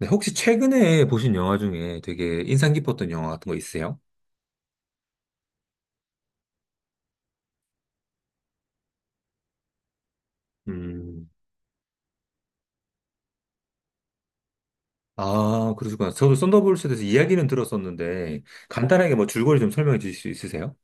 네, 혹시 최근에 보신 영화 중에 되게 인상 깊었던 영화 같은 거 있으세요? 음, 아, 그러시구나. 저도 썬더볼스에 대해서 이야기는 들었었는데, 간단하게 뭐 줄거리 좀 설명해 주실 수 있으세요?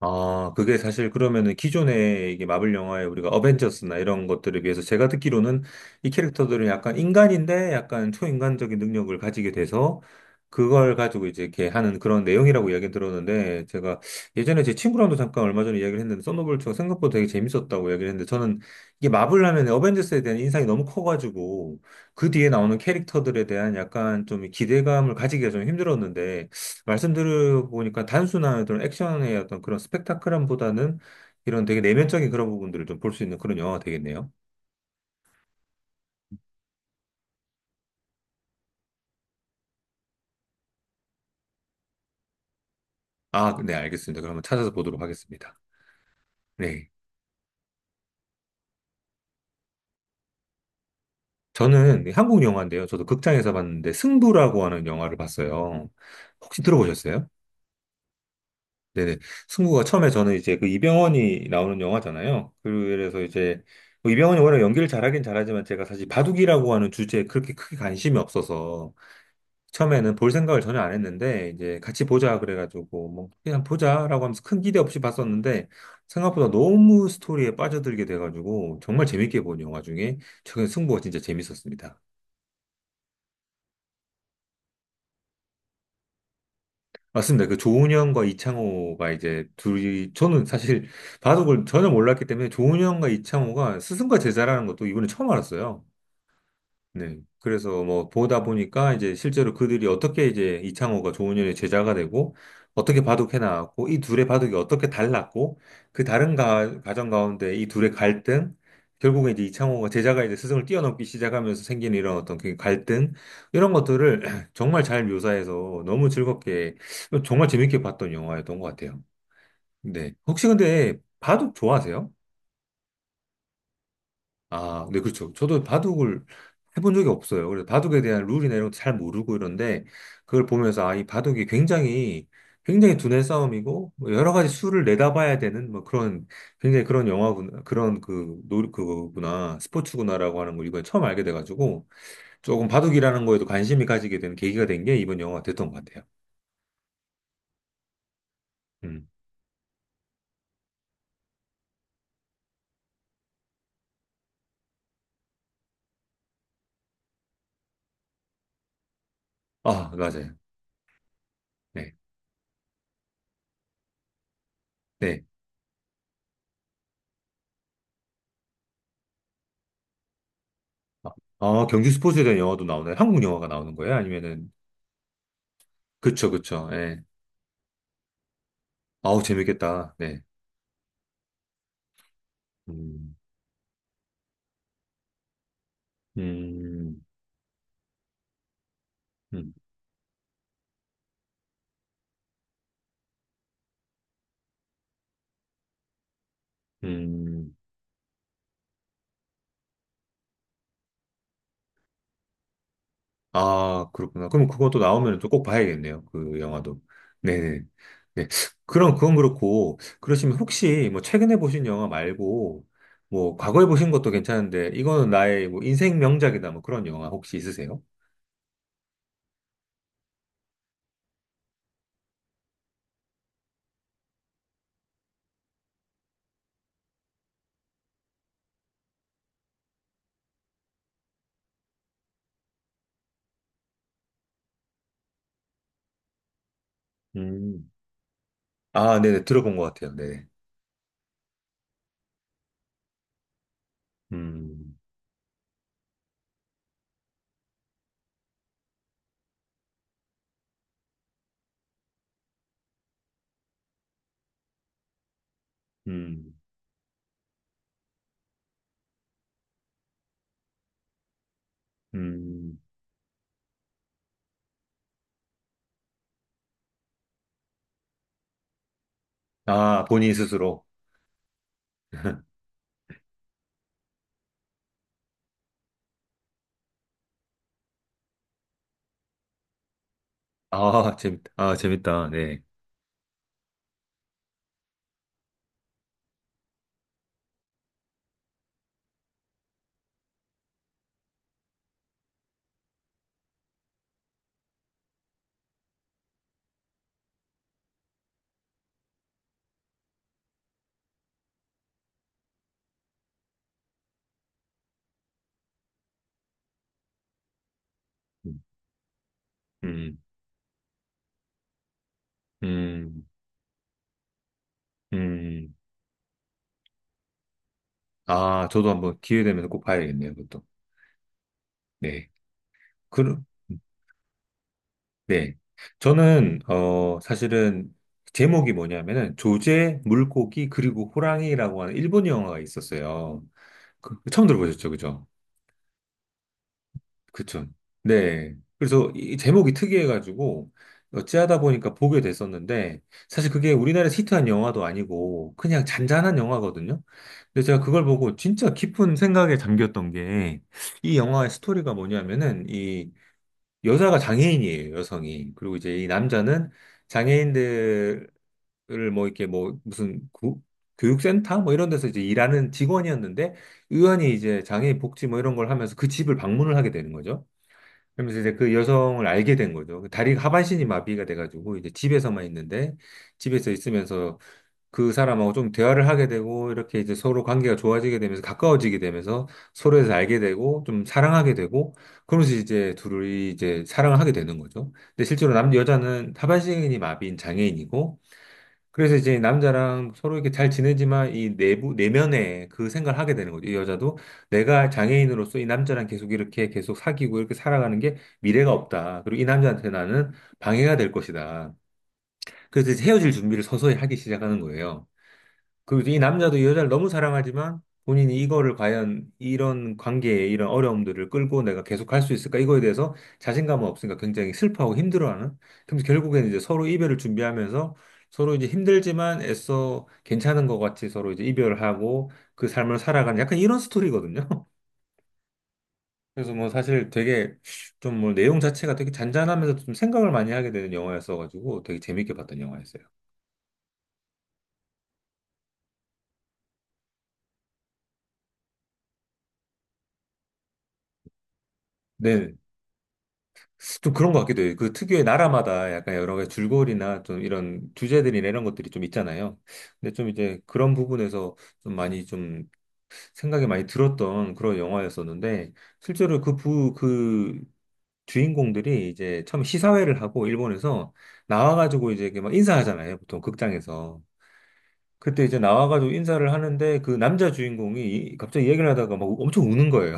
아, 그게 사실 그러면은 기존에 이게 마블 영화에 우리가 어벤져스나 이런 것들에 비해서 제가 듣기로는 이 캐릭터들은 약간 인간인데 약간 초인간적인 능력을 가지게 돼서 그걸 가지고 이제 이렇게 하는 그런 내용이라고 이야기 들었는데 제가 예전에 제 친구랑도 잠깐 얼마 전에 이야기를 했는데 썬더볼트가 생각보다 되게 재밌었다고 이야기를 했는데 저는 이게 마블 하면 어벤져스에 대한 인상이 너무 커가지고 그 뒤에 나오는 캐릭터들에 대한 약간 좀 기대감을 가지기가 좀 힘들었는데 말씀 들어보니까 단순한 어떤 액션의 어떤 그런 스펙타클함보다는 이런 되게 내면적인 그런 부분들을 좀 볼 수 있는 그런 영화가 되겠네요. 아, 네, 알겠습니다. 그러면 찾아서 보도록 하겠습니다. 네. 저는 한국 영화인데요. 저도 극장에서 봤는데 승부라고 하는 영화를 봤어요. 혹시 들어보셨어요? 네네. 승부가 처음에 저는 이제 그 이병헌이 나오는 영화잖아요. 그래서 이제 뭐 이병헌이 워낙 연기를 잘하긴 잘하지만 제가 사실 바둑이라고 하는 주제에 그렇게 크게 관심이 없어서 처음에는 볼 생각을 전혀 안 했는데 이제 같이 보자 그래가지고 뭐 그냥 보자라고 하면서 큰 기대 없이 봤었는데 생각보다 너무 스토리에 빠져들게 돼가지고 정말 재밌게 본 영화 중에 최근 승부가 진짜 재밌었습니다. 맞습니다. 그 조은현과 이창호가 이제 둘이 저는 사실 바둑을 전혀 몰랐기 때문에 조은현과 이창호가 스승과 제자라는 것도 이번에 처음 알았어요. 네. 그래서 뭐 보다 보니까 이제 실제로 그들이 어떻게 이제 이창호가 조은현의 제자가 되고 어떻게 바둑해 나왔고 이 둘의 바둑이 어떻게 달랐고 그 다른 가, 과정 가운데 이 둘의 갈등, 결국에 이제 이창호가 제자가 이제 스승을 뛰어넘기 시작하면서 생기는 이런 어떤 그 갈등, 이런 것들을 정말 잘 묘사해서 너무 즐겁게 정말 재밌게 봤던 영화였던 것 같아요. 네. 혹시 근데 바둑 좋아하세요? 아, 네, 그렇죠. 저도 바둑을 해본 적이 없어요. 그래서 바둑에 대한 룰이나 이런 것도 잘 모르고 이런데, 그걸 보면서, 아, 이 바둑이 굉장히, 굉장히 두뇌 싸움이고, 뭐 여러 가지 수를 내다봐야 되는, 뭐 그런, 굉장히 그런 영화구나, 그런 그, 노, 그거구나, 스포츠구나라고 하는 걸 이번에 처음 알게 돼가지고, 조금 바둑이라는 거에도 관심이 가지게 된 계기가 된 게 이번 영화가 됐던 것 같아요. 음. 아, 맞아요. 네, 네. 아, 아, 경기 스포츠에 대한 영화도 나오나요? 한국 영화가 나오는 거예요? 아니면은, 그쵸, 그쵸. 예. 아우, 재밌겠다. 네. 음, 음, 음, 음. 아, 그렇구나. 그럼 그것도 나오면 또 꼭 봐야겠네요. 그 영화도. 네네. 네. 그럼 그건 그렇고, 그러시면 혹시 뭐 최근에 보신 영화 말고, 뭐 과거에 보신 것도 괜찮은데, 이거는 나의 뭐 인생 명작이다. 뭐 그런 영화 혹시 있으세요? 음. 아, 네네. 들어본 것 같아요. 네네. 음, 음, 음. 아, 본인 스스로. 아, 재밌다. 아, 재밌다. 네. 음, 음. 음, 아, 저도 한번 기회 되면 꼭 봐야겠네요, 그것도. 네. 그, 네. 저는, 사실은 제목이 뭐냐면은 조제, 물고기, 그리고 호랑이라고 하는 일본 영화가 있었어요. 그, 처음 들어보셨죠, 그죠? 그쵸. 네. 그래서 이 제목이 특이해가지고 어찌하다 보니까 보게 됐었는데 사실 그게 우리나라에서 히트한 영화도 아니고 그냥 잔잔한 영화거든요. 근데 제가 그걸 보고 진짜 깊은 생각에 잠겼던 게 이 영화의 스토리가 뭐냐면은 이 여자가 장애인이에요, 여성이. 그리고 이제 이 남자는 장애인들을 뭐 이렇게 뭐 무슨 교육센터 뭐 이런 데서 이제 일하는 직원이었는데 의원이 이제 장애인 복지 뭐 이런 걸 하면서 그 집을 방문을 하게 되는 거죠. 그러면서 이제 그 여성을 알게 된 거죠. 그 다리 하반신이 마비가 돼가지고 이제 집에서만 있는데 집에서 있으면서 그 사람하고 좀 대화를 하게 되고 이렇게 이제 서로 관계가 좋아지게 되면서 가까워지게 되면서 서로에 서 알게 되고 좀 사랑하게 되고 그러면서 이제 둘이 이제 사랑을 하게 되는 거죠. 근데 실제로 남 여자는 하반신이 마비인 장애인이고 그래서 이제 남자랑 서로 이렇게 잘 지내지만 이 내부, 내면에 그 생각을 하게 되는 거죠. 이 여자도 내가 장애인으로서 이 남자랑 계속 이렇게 계속 사귀고 이렇게 살아가는 게 미래가 없다. 그리고 이 남자한테 나는 방해가 될 것이다. 그래서 이제 헤어질 준비를 서서히 하기 시작하는 거예요. 그리고 이 남자도 이 여자를 너무 사랑하지만 본인이 이거를 과연 이런 관계에 이런 어려움들을 끌고 내가 계속 할 수 있을까? 이거에 대해서 자신감은 없으니까 굉장히 슬퍼하고 힘들어하는. 그럼 결국에는 이제 서로 이별을 준비하면서 서로 이제 힘들지만 애써 괜찮은 것 같이 서로 이제 이별하고 그 삶을 살아가는 약간 이런 스토리거든요. 그래서 뭐 사실 되게 좀 뭐 내용 자체가 되게 잔잔하면서 좀 생각을 많이 하게 되는 영화였어가지고 되게 재밌게 봤던 영화였어요. 네. 좀 그런 것 같기도 해요. 그 특유의 나라마다 약간 여러 가지 줄거리나 좀 이런 주제들이나 이런 것들이 좀 있잖아요. 근데 좀 이제 그런 부분에서 좀 많이 좀 생각이 많이 들었던 그런 영화였었는데, 실제로 그 부, 그 주인공들이 이제 처음 시사회를 하고 일본에서 나와가지고 이제 이렇게 막 인사하잖아요. 보통 극장에서. 그때 이제 나와가지고 인사를 하는데 그 남자 주인공이 갑자기 얘기를 하다가 막 엄청 우는 거예요.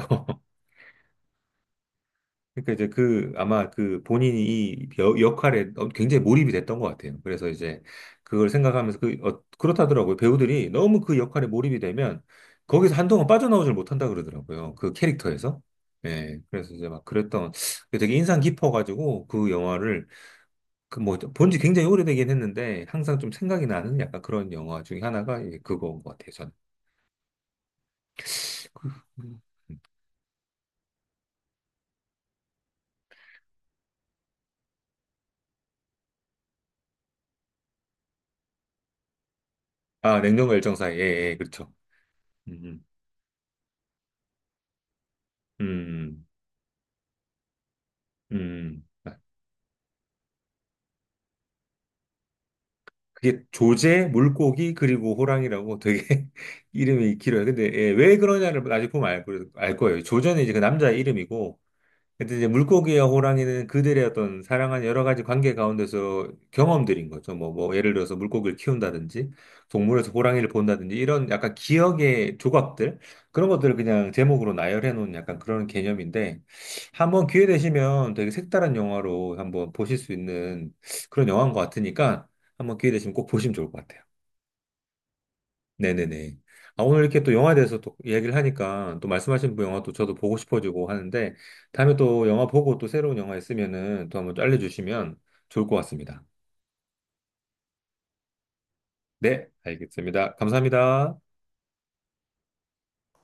그러니까 이제 그 아마 그 본인이 이 역할에 굉장히 몰입이 됐던 것 같아요. 그래서 이제 그걸 생각하면서 그 그렇다더라고요. 배우들이 너무 그 역할에 몰입이 되면 거기서 한동안 빠져나오질 못한다 그러더라고요. 그 캐릭터에서. 예, 그래서 이제 막 그랬던 그게 되게 인상 깊어가지고 그 영화를 그뭐 본지 굉장히 오래되긴 했는데 항상 좀 생각이 나는 약간 그런 영화 중에 하나가 예, 그거인 것 같아요. 저는. 그- 아, 냉정과 열정 사이. 예, 예, 그렇죠. 음, 음, 음. 아, 그게 조제, 물고기, 그리고 호랑이라고 되게 이름이 길어요. 근데 예, 왜 그러냐를 나중에 보면 알, 알 거예요. 조제는 이제 그 남자의 이름이고, 근데 이제 물고기와 호랑이는 그들의 어떤 사랑한 여러 가지 관계 가운데서 경험들인 거죠. 뭐, 뭐, 예를 들어서 물고기를 키운다든지, 동물에서 호랑이를 본다든지, 이런 약간 기억의 조각들, 그런 것들을 그냥 제목으로 나열해 놓은 약간 그런 개념인데, 한번 기회 되시면 되게 색다른 영화로 한번 보실 수 있는 그런 영화인 것 같으니까, 한번 기회 되시면 꼭 보시면 좋을 것 같아요. 네네네. 아, 오늘 이렇게 또 영화에 대해서 또 이야기를 하니까 또 말씀하신 그 영화 또 저도 보고 싶어지고 하는데 다음에 또 영화 보고 또 새로운 영화 있으면은 또 한번 또 알려주시면 좋을 것 같습니다. 네, 알겠습니다. 감사합니다.